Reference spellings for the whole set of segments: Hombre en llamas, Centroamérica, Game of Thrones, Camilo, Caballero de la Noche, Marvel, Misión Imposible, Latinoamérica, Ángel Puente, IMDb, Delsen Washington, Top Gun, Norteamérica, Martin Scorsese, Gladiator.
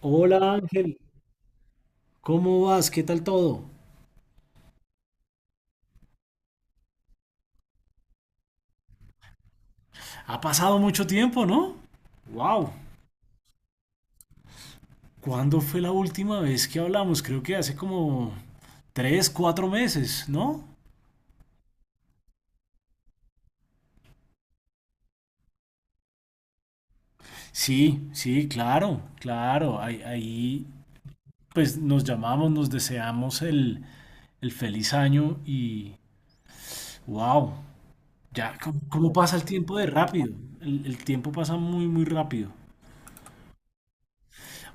Hola Ángel, ¿cómo vas? ¿Qué tal todo? Ha pasado mucho tiempo, ¿no? ¡Wow! ¿Cuándo fue la última vez que hablamos? Creo que hace como tres, cuatro meses, ¿no? Sí, sí, claro, claro. Ahí, ahí, pues nos llamamos, nos deseamos el feliz año y wow, ya, ¿cómo pasa el tiempo de rápido? El tiempo pasa muy, muy rápido.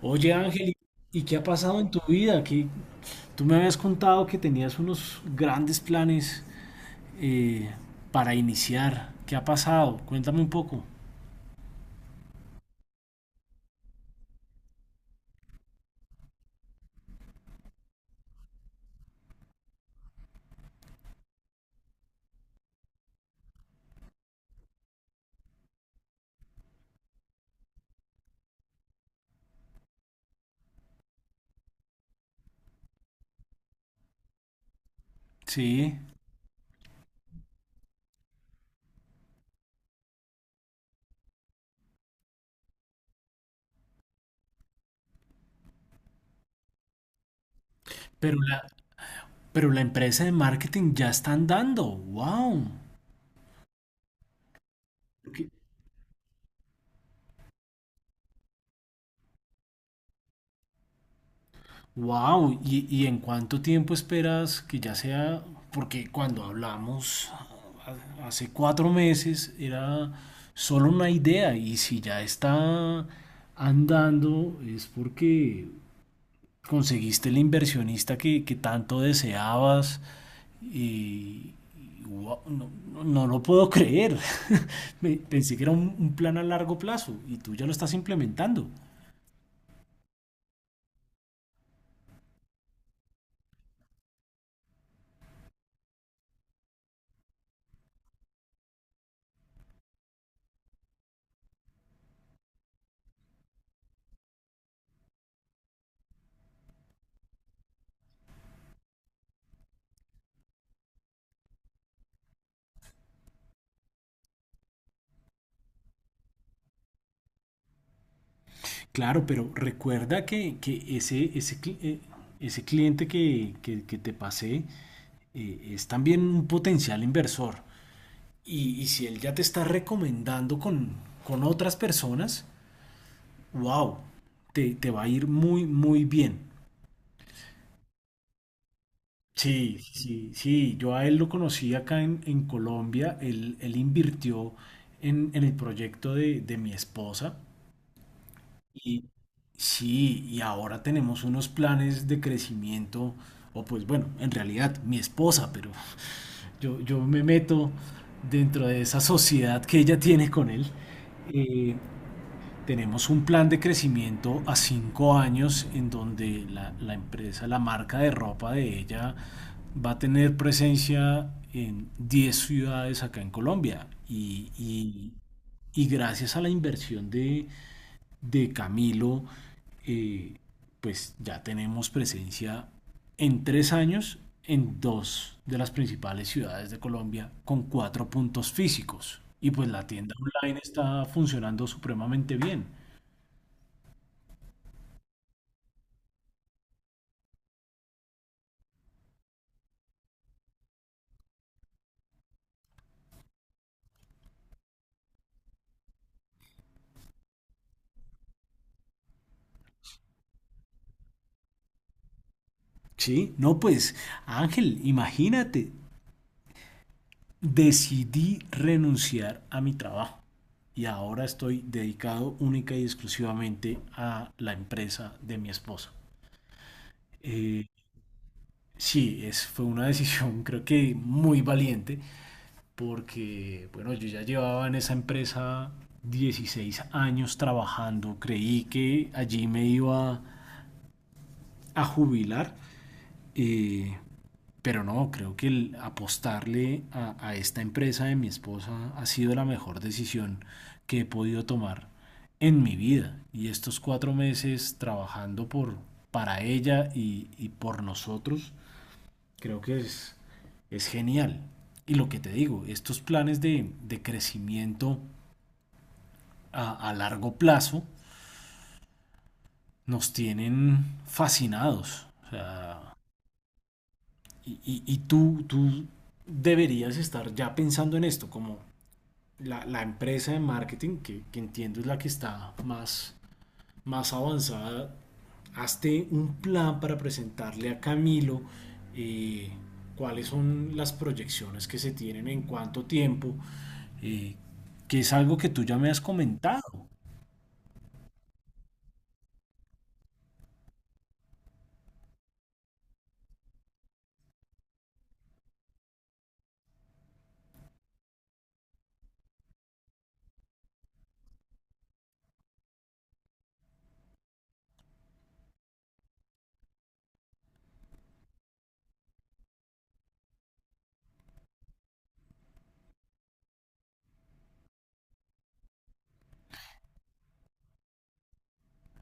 Oye Ángel, ¿y qué ha pasado en tu vida? Que tú me habías contado que tenías unos grandes planes eh, para iniciar. ¿Qué ha pasado? Cuéntame un poco. Sí, pero la, pero la empresa de marketing ya está andando. ¡Wow! Wow, ¿y, y en cuánto tiempo esperas que ya sea? Porque cuando hablamos hace cuatro meses era solo una idea y si ya está andando es porque conseguiste el inversionista que tanto deseabas y guau, no, no lo puedo creer. Pensé que era un plan a largo plazo y tú ya lo estás implementando. Claro, pero recuerda que ese, ese, ese cliente que, que te pasé es también un potencial inversor. Y si él ya te está recomendando con otras personas, wow, te va a ir muy, muy bien. Sí, sí, sí, yo a él lo conocí acá en Colombia, él invirtió en el proyecto de mi esposa. Y sí, y ahora tenemos unos planes de crecimiento, o pues bueno, en realidad mi esposa, pero yo me meto dentro de esa sociedad que ella tiene con él. Eh, Tenemos un plan de crecimiento a cinco años en donde la empresa, la marca de ropa de ella va a tener presencia en 10 ciudades acá en Colombia. Y, y gracias a la inversión de Camilo, eh, pues ya tenemos presencia en tres años en dos de las principales ciudades de Colombia con cuatro puntos físicos. Y pues la tienda online está funcionando supremamente bien. Sí, no, pues Ángel, imagínate, decidí renunciar a mi trabajo y ahora estoy dedicado única y exclusivamente a la empresa de mi esposa. Eh, Sí, fue una decisión creo que muy valiente porque, bueno, yo ya llevaba en esa empresa 16 años trabajando, creí que allí me iba a jubilar, eh, pero no, creo que el apostarle a esta empresa de mi esposa ha sido la mejor decisión que he podido tomar en mi vida. Y estos cuatro meses trabajando por, para ella y por nosotros creo que es genial. Y lo que te digo, estos planes de crecimiento a, largo plazo nos tienen fascinados. O sea, y tú deberías estar ya pensando en esto, como la empresa de marketing, que entiendo es la que está más avanzada, hazte un plan para presentarle a Camilo eh, cuáles son las proyecciones que se tienen en cuánto tiempo, eh, que es algo que tú ya me has comentado.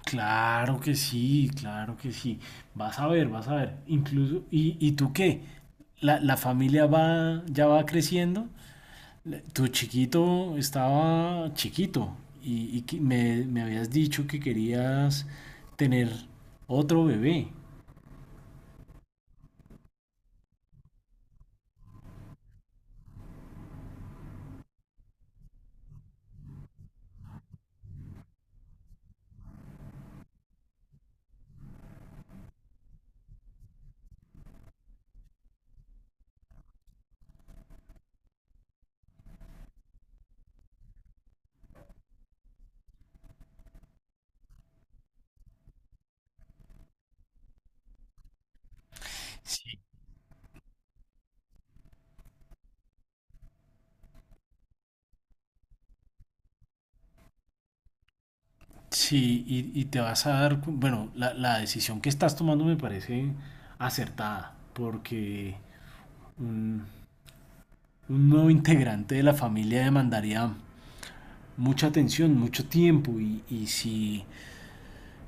Claro que sí, claro que sí. Vas a ver, vas a ver. Incluso, y tú qué? ¿La familia va, ya va creciendo? Tu chiquito estaba chiquito y que me habías dicho que querías tener otro bebé. Sí. Sí, y te vas a dar, bueno, la decisión que estás tomando me parece acertada, porque un, un nuevo integrante de la familia demandaría mucha atención, mucho tiempo, y si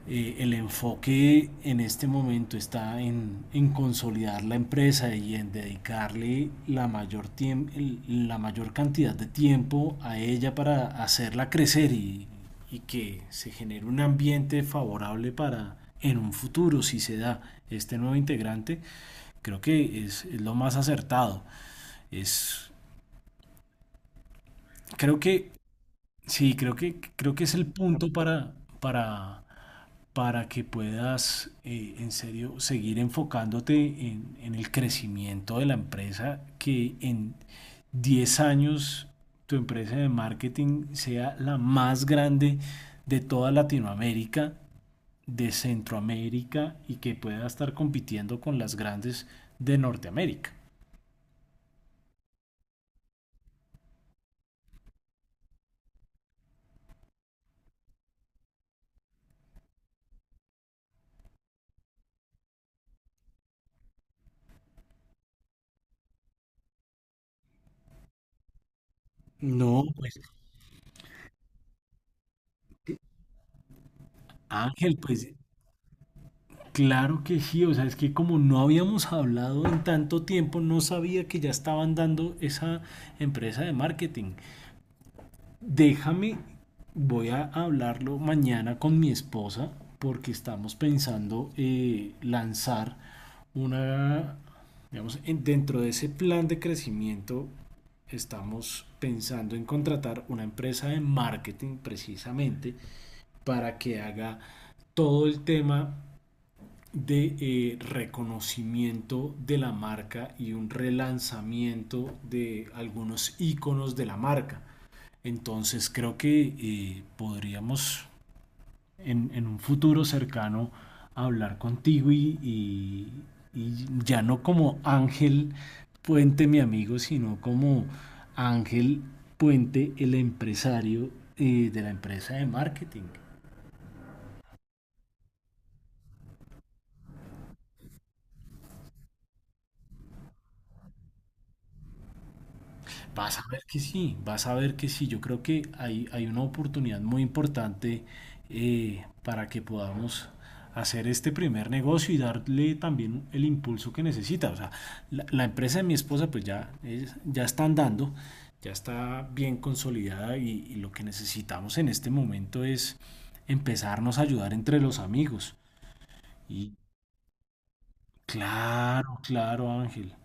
el enfoque en este momento está en, consolidar la empresa y en dedicarle la mayor cantidad de tiempo a ella para hacerla crecer y que se genere un ambiente favorable para en un futuro, si se da este nuevo integrante, creo que es lo más acertado. Es, creo que, sí, creo que es el punto para, para para que puedas en serio seguir enfocándote en, el crecimiento de la empresa, que en 10 años tu empresa de marketing sea la más grande de toda Latinoamérica, de Centroamérica y que pueda estar compitiendo con las grandes de Norteamérica. No, pues Ángel, pues claro que sí, o sea, es que como no habíamos hablado en tanto tiempo, no sabía que ya estaban dando esa empresa de marketing. Déjame, voy a hablarlo mañana con mi esposa porque estamos pensando lanzar una, digamos, dentro de ese plan de crecimiento estamos pensando en contratar una empresa de marketing precisamente para que haga todo el tema de reconocimiento de la marca y un relanzamiento de algunos iconos de la marca. Entonces creo que podríamos en, un futuro cercano hablar contigo y ya no como Ángel Puente, mi amigo, sino como Ángel Puente, el empresario de la empresa de marketing. Vas a ver que sí, vas a ver que sí. Yo creo que hay una oportunidad muy importante para que podamos hacer este primer negocio y darle también el impulso que necesita. O sea, la empresa de mi esposa pues ya, ya está andando, ya está bien consolidada y lo que necesitamos en este momento es empezarnos a ayudar entre los amigos. Y claro, claro, Ángel.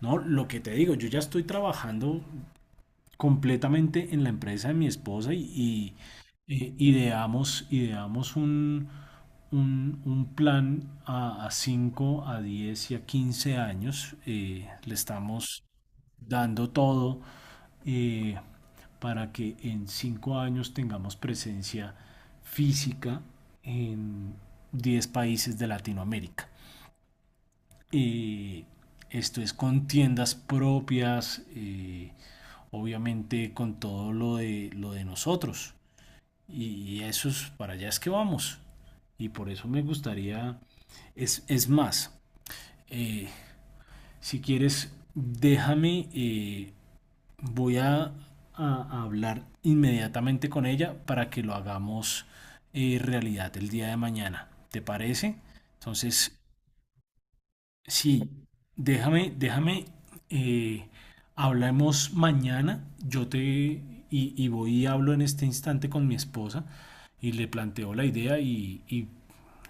No, lo que te digo, yo ya estoy trabajando completamente en la empresa de mi esposa y, ideamos un plan a cinco, a 10 y a 15 años. Le estamos dando todo eh, para que en 5 años tengamos presencia física en 10 países de Latinoamérica, eh, esto es con tiendas propias, obviamente con todo lo de nosotros. Y eso es, para allá es que vamos. Y por eso me gustaría, es más, eh, si quieres, déjame, voy a hablar inmediatamente con ella para que lo hagamos realidad el día de mañana. ¿Te parece? Entonces, sí, déjame, déjame, eh, hablemos mañana. Y voy y hablo en este instante con mi esposa y le planteo la idea y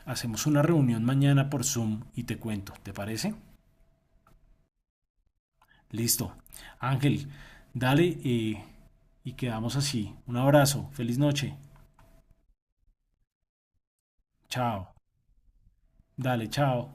hacemos una reunión mañana por Zoom y te cuento, ¿te parece? Listo. Ángel, dale y quedamos así. Un abrazo, feliz noche. Chao. Dale, chao.